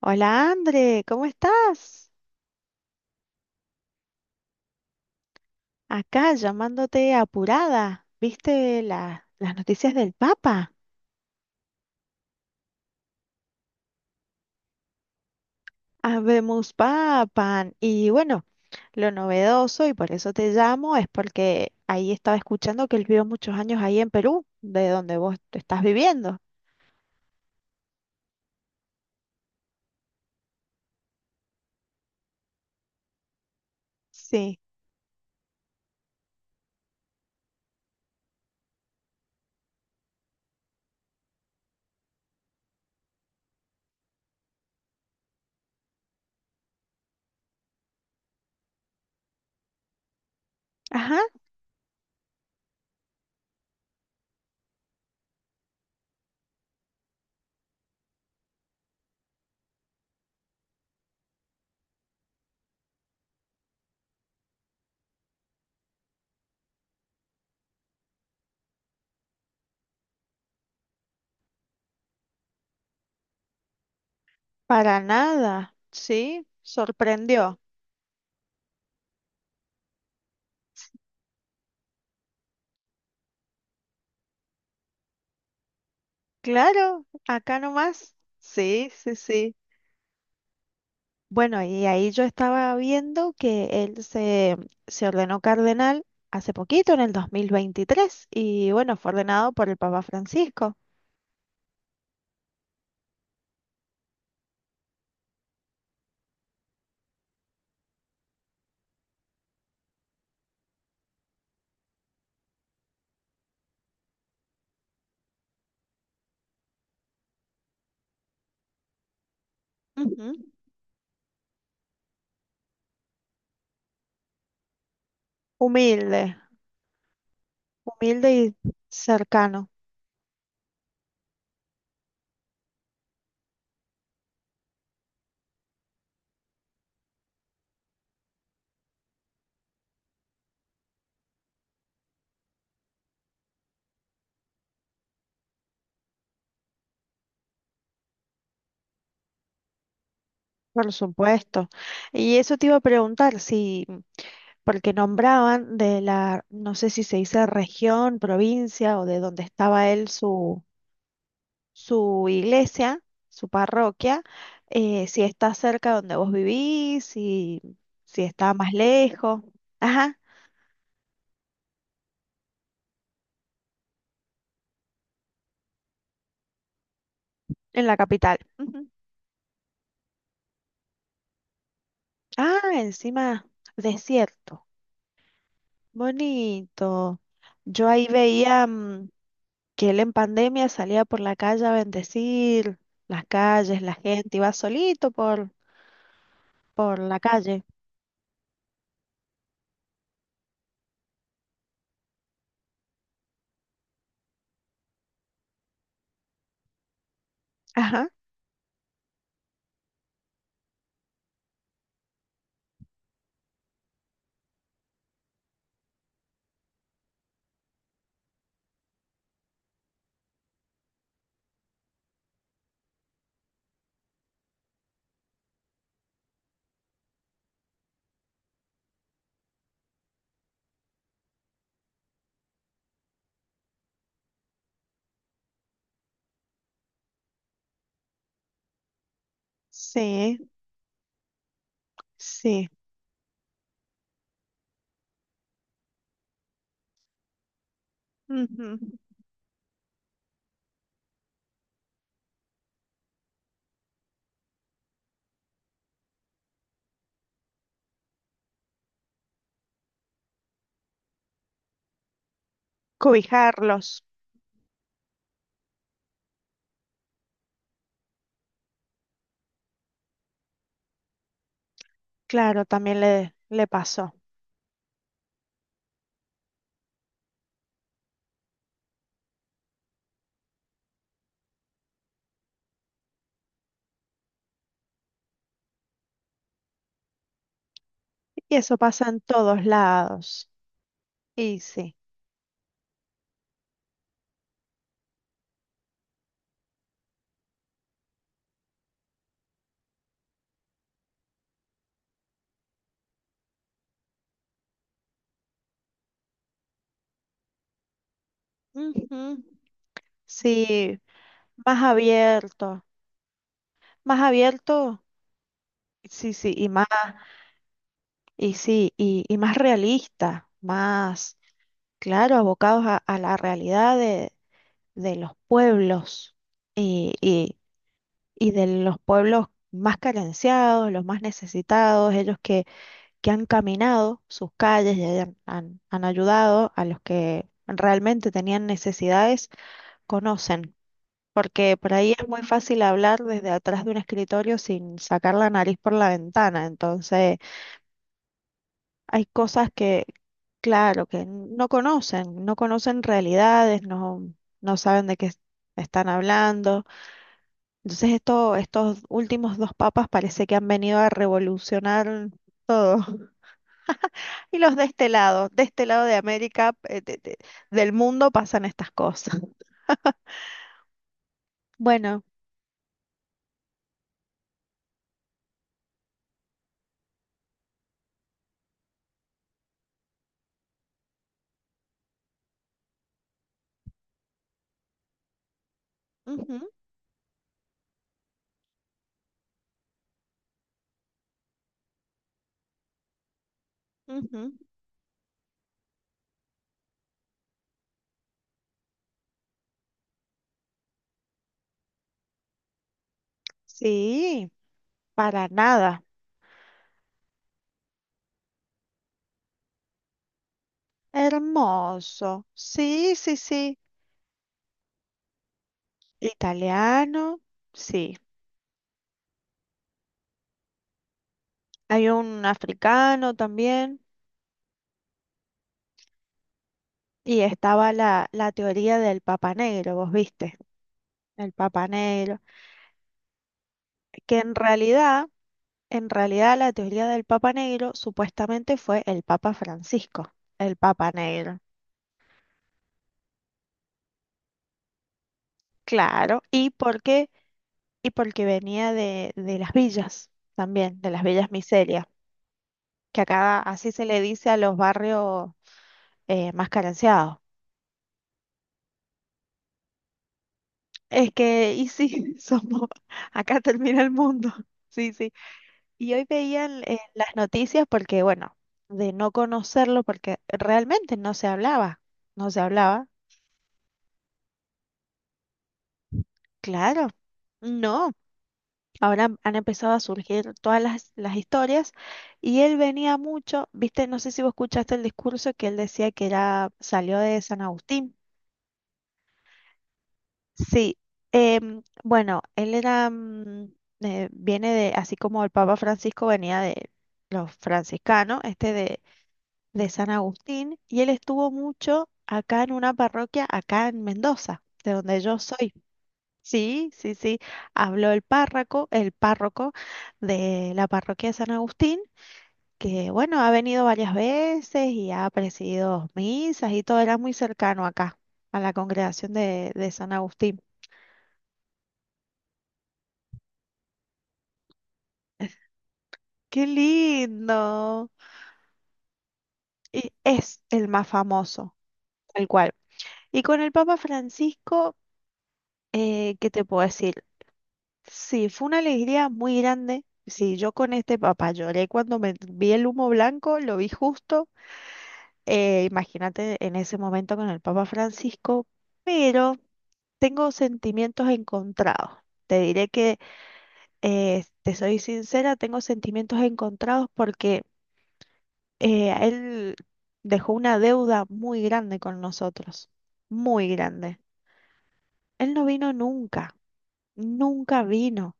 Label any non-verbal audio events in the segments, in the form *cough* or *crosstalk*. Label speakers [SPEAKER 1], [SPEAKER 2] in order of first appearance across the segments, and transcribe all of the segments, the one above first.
[SPEAKER 1] Hola André, ¿cómo estás? Acá llamándote apurada. ¿Viste las noticias del Papa? Habemos Papan. Y bueno, lo novedoso, y por eso te llamo, es porque ahí estaba escuchando que él vivió muchos años ahí en Perú, de donde vos te estás viviendo. Sí. Ajá, para nada. Sí, sorprendió. Claro, acá nomás. Sí, sí, sí. Bueno, y ahí yo estaba viendo que se ordenó cardenal hace poquito, en el 2023 y bueno, fue ordenado por el Papa Francisco. Ujú. Humilde, humilde y cercano, por supuesto. Y eso te iba a preguntar si, porque nombraban de la, no sé si se dice región, provincia o de donde su iglesia, su parroquia, si está cerca de donde vos vivís, si, si está más lejos. Ajá, en la capital. Ujú. Ah, encima, desierto. Bonito. Yo ahí veía que él en pandemia salía por la calle a bendecir las calles, la gente, por la calle. Ajá, sí, sí. Ujú. Cobijarlos. Claro, también le pasó. Y eso pasa en todos lados. Y sí. Ujú. Sí, más abierto. Más abierto, sí, sí, y más, y sí, y más realista, más, claro, a la realidad de los pueblos y, y, y de los pueblos más carenciados, los más necesitados, ellos que han caminado sus calles y han ayudado a los que realmente tenían necesidades conocen, porque por ahí es muy fácil hablar desde atrás de un escritorio sin sacar la nariz por la ventana. Entonces, hay cosas que, claro, que no conocen, no conocen realidades, no, no saben están hablando. Entonces, estos últimos dos papas parece que han venido a revolucionar todo. *laughs* Y los de este lado, de este lado de América, del mundo pasan estas cosas. *laughs* Bueno, ujú, ujú, sí. Para nada. Hermoso. Sí, sí, sí. Italiano, sí. Hay un africano también. Y estaba la teoría del Papa Negro, vos viste, el Papa Negro, que en realidad la teoría del Papa Negro supuestamente fue el Papa Francisco, el Papa Negro. Claro, ¿y porque y porque venía de las villas también, de las villas miserias, que acá así se le dice a los barrios más carenciados. Es que, y sí, *laughs* somos, acá termina el mundo. *laughs* Sí, sí. Y hoy veían las noticias porque, bueno, de no conocerlo, porque realmente no se hablaba, no se hablaba, claro. No, ahora han empezado a surgir todas las historias y él venía mucho, viste, no sé si vos escuchaste el discurso que él decía que era, salió de San Agustín. Sí, bueno, viene de, así como el Papa Francisco venía de los franciscanos, de San Agustín, y él estuvo mucho acá en una parroquia, acá en Mendoza, de donde yo soy. Sí, sí, sí, habló el párroco de la parroquia de San Agustín, que bueno, ha venido varias veces y ha presidido misas y todo, era muy cercano acá, a la congregación de San Agustín. Qué lindo. Y es el más famoso, tal cual. Y con el Papa Francisco, ¿qué te puedo decir? Sí, fue una alegría muy grande. Sí, yo con este papá lloré cuando me vi el humo blanco, lo vi justo. Imagínate en ese momento con el Papa Francisco, pero tengo sentimientos encontrados. Te diré que, te soy sincera, tengo sentimientos encontrados porque él dejó una deuda muy grande con nosotros, muy grande. Él no vino nunca, nunca vino.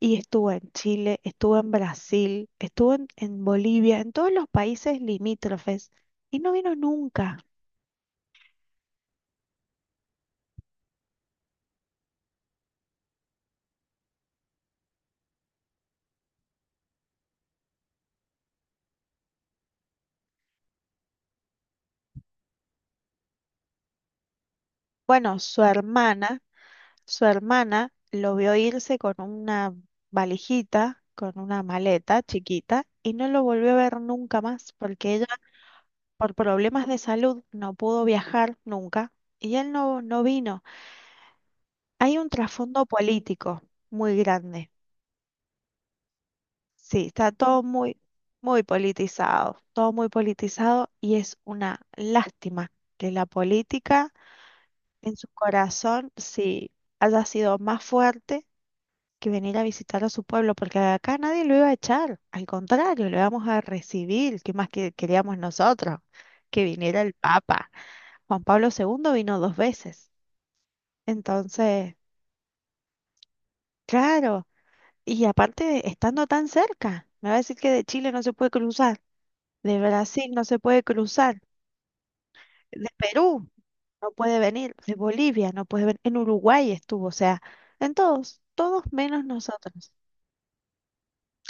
[SPEAKER 1] Y estuvo en Chile, estuvo en Brasil, estuvo en Bolivia, en todos los países limítrofes, y no vino nunca. Bueno, su hermana lo vio irse con una valijita, con una maleta chiquita, y no lo volvió a ver nunca más, porque ella por problemas de salud no pudo viajar nunca y él no, no vino. Hay un trasfondo político muy grande. Sí, está todo muy, muy politizado, todo muy politizado y es una lástima que la política en su corazón sí haya sido más fuerte que venir a visitar a su pueblo, porque acá nadie lo iba a echar, al contrario, lo íbamos a recibir, ¿qué más que queríamos nosotros? Que viniera el Papa. Juan Pablo II vino dos veces. Entonces, claro, y aparte estando tan cerca, me va a decir que de Chile no se puede cruzar, de Brasil no se puede cruzar, de Perú no puede venir, de Bolivia no puede venir, en Uruguay estuvo, o sea, en todos, todos menos nosotros.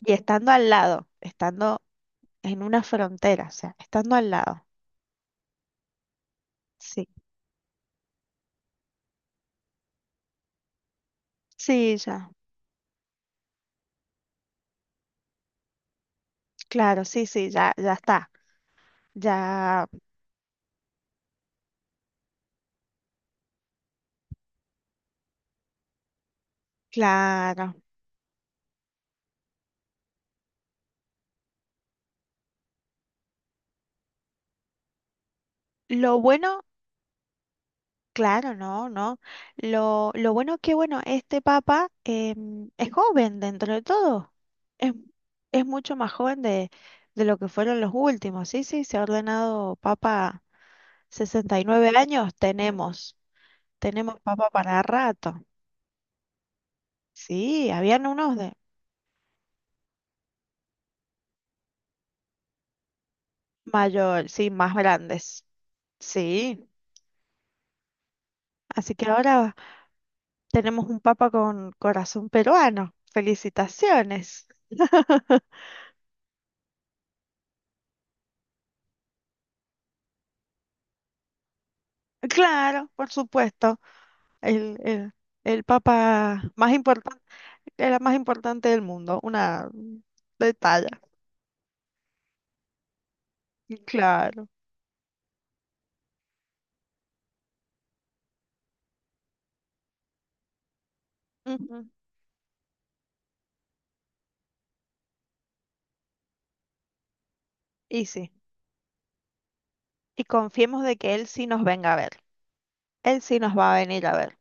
[SPEAKER 1] Y estando al lado, estando en una frontera, o sea, estando al lado. Sí, sí, ya, claro, sí, sí, ya, ya está, ya, claro. Lo bueno claro, no, no. Lo bueno que, bueno, este papa es joven dentro de todo. Es, es mucho más joven de lo que fueron los últimos. Sí, sí, se ha ordenado papa 69 años. Tenemos, tenemos papa para rato. Sí, habían unos de mayor, sí, más grandes. Sí, así que ahora tenemos un papa con corazón peruano. Felicitaciones. Claro, por supuesto. El, el, el papa más importante, era más importante del mundo, una de talla. Claro. Ujú. Y sí. Y confiemos de que él sí nos venga a ver. Él sí nos va a venir a ver.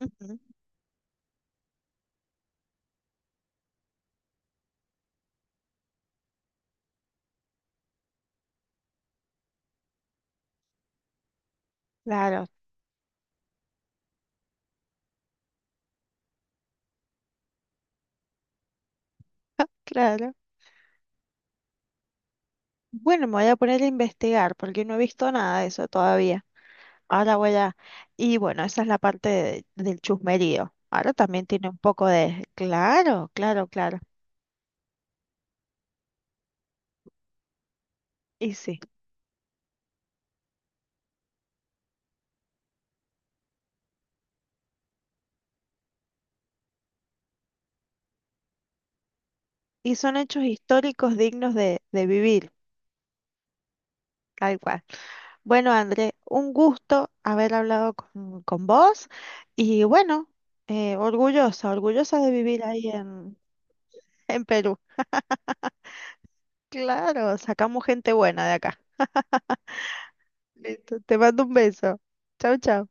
[SPEAKER 1] Ujú. Claro, *laughs* claro. Bueno, me voy a poner a investigar porque no he visto nada de eso todavía. Ahora voy a... Y bueno, esa es la parte del chusmerío. Ahora también tiene un poco de... Claro, claro, claro. Y sí. Y son hechos históricos dignos de vivir, tal cual. Bueno, André, un gusto haber hablado con vos y bueno, orgullosa, orgullosa de vivir ahí en Perú. Claro, sacamos gente buena de acá. Listo, te mando un beso. Chau, chau.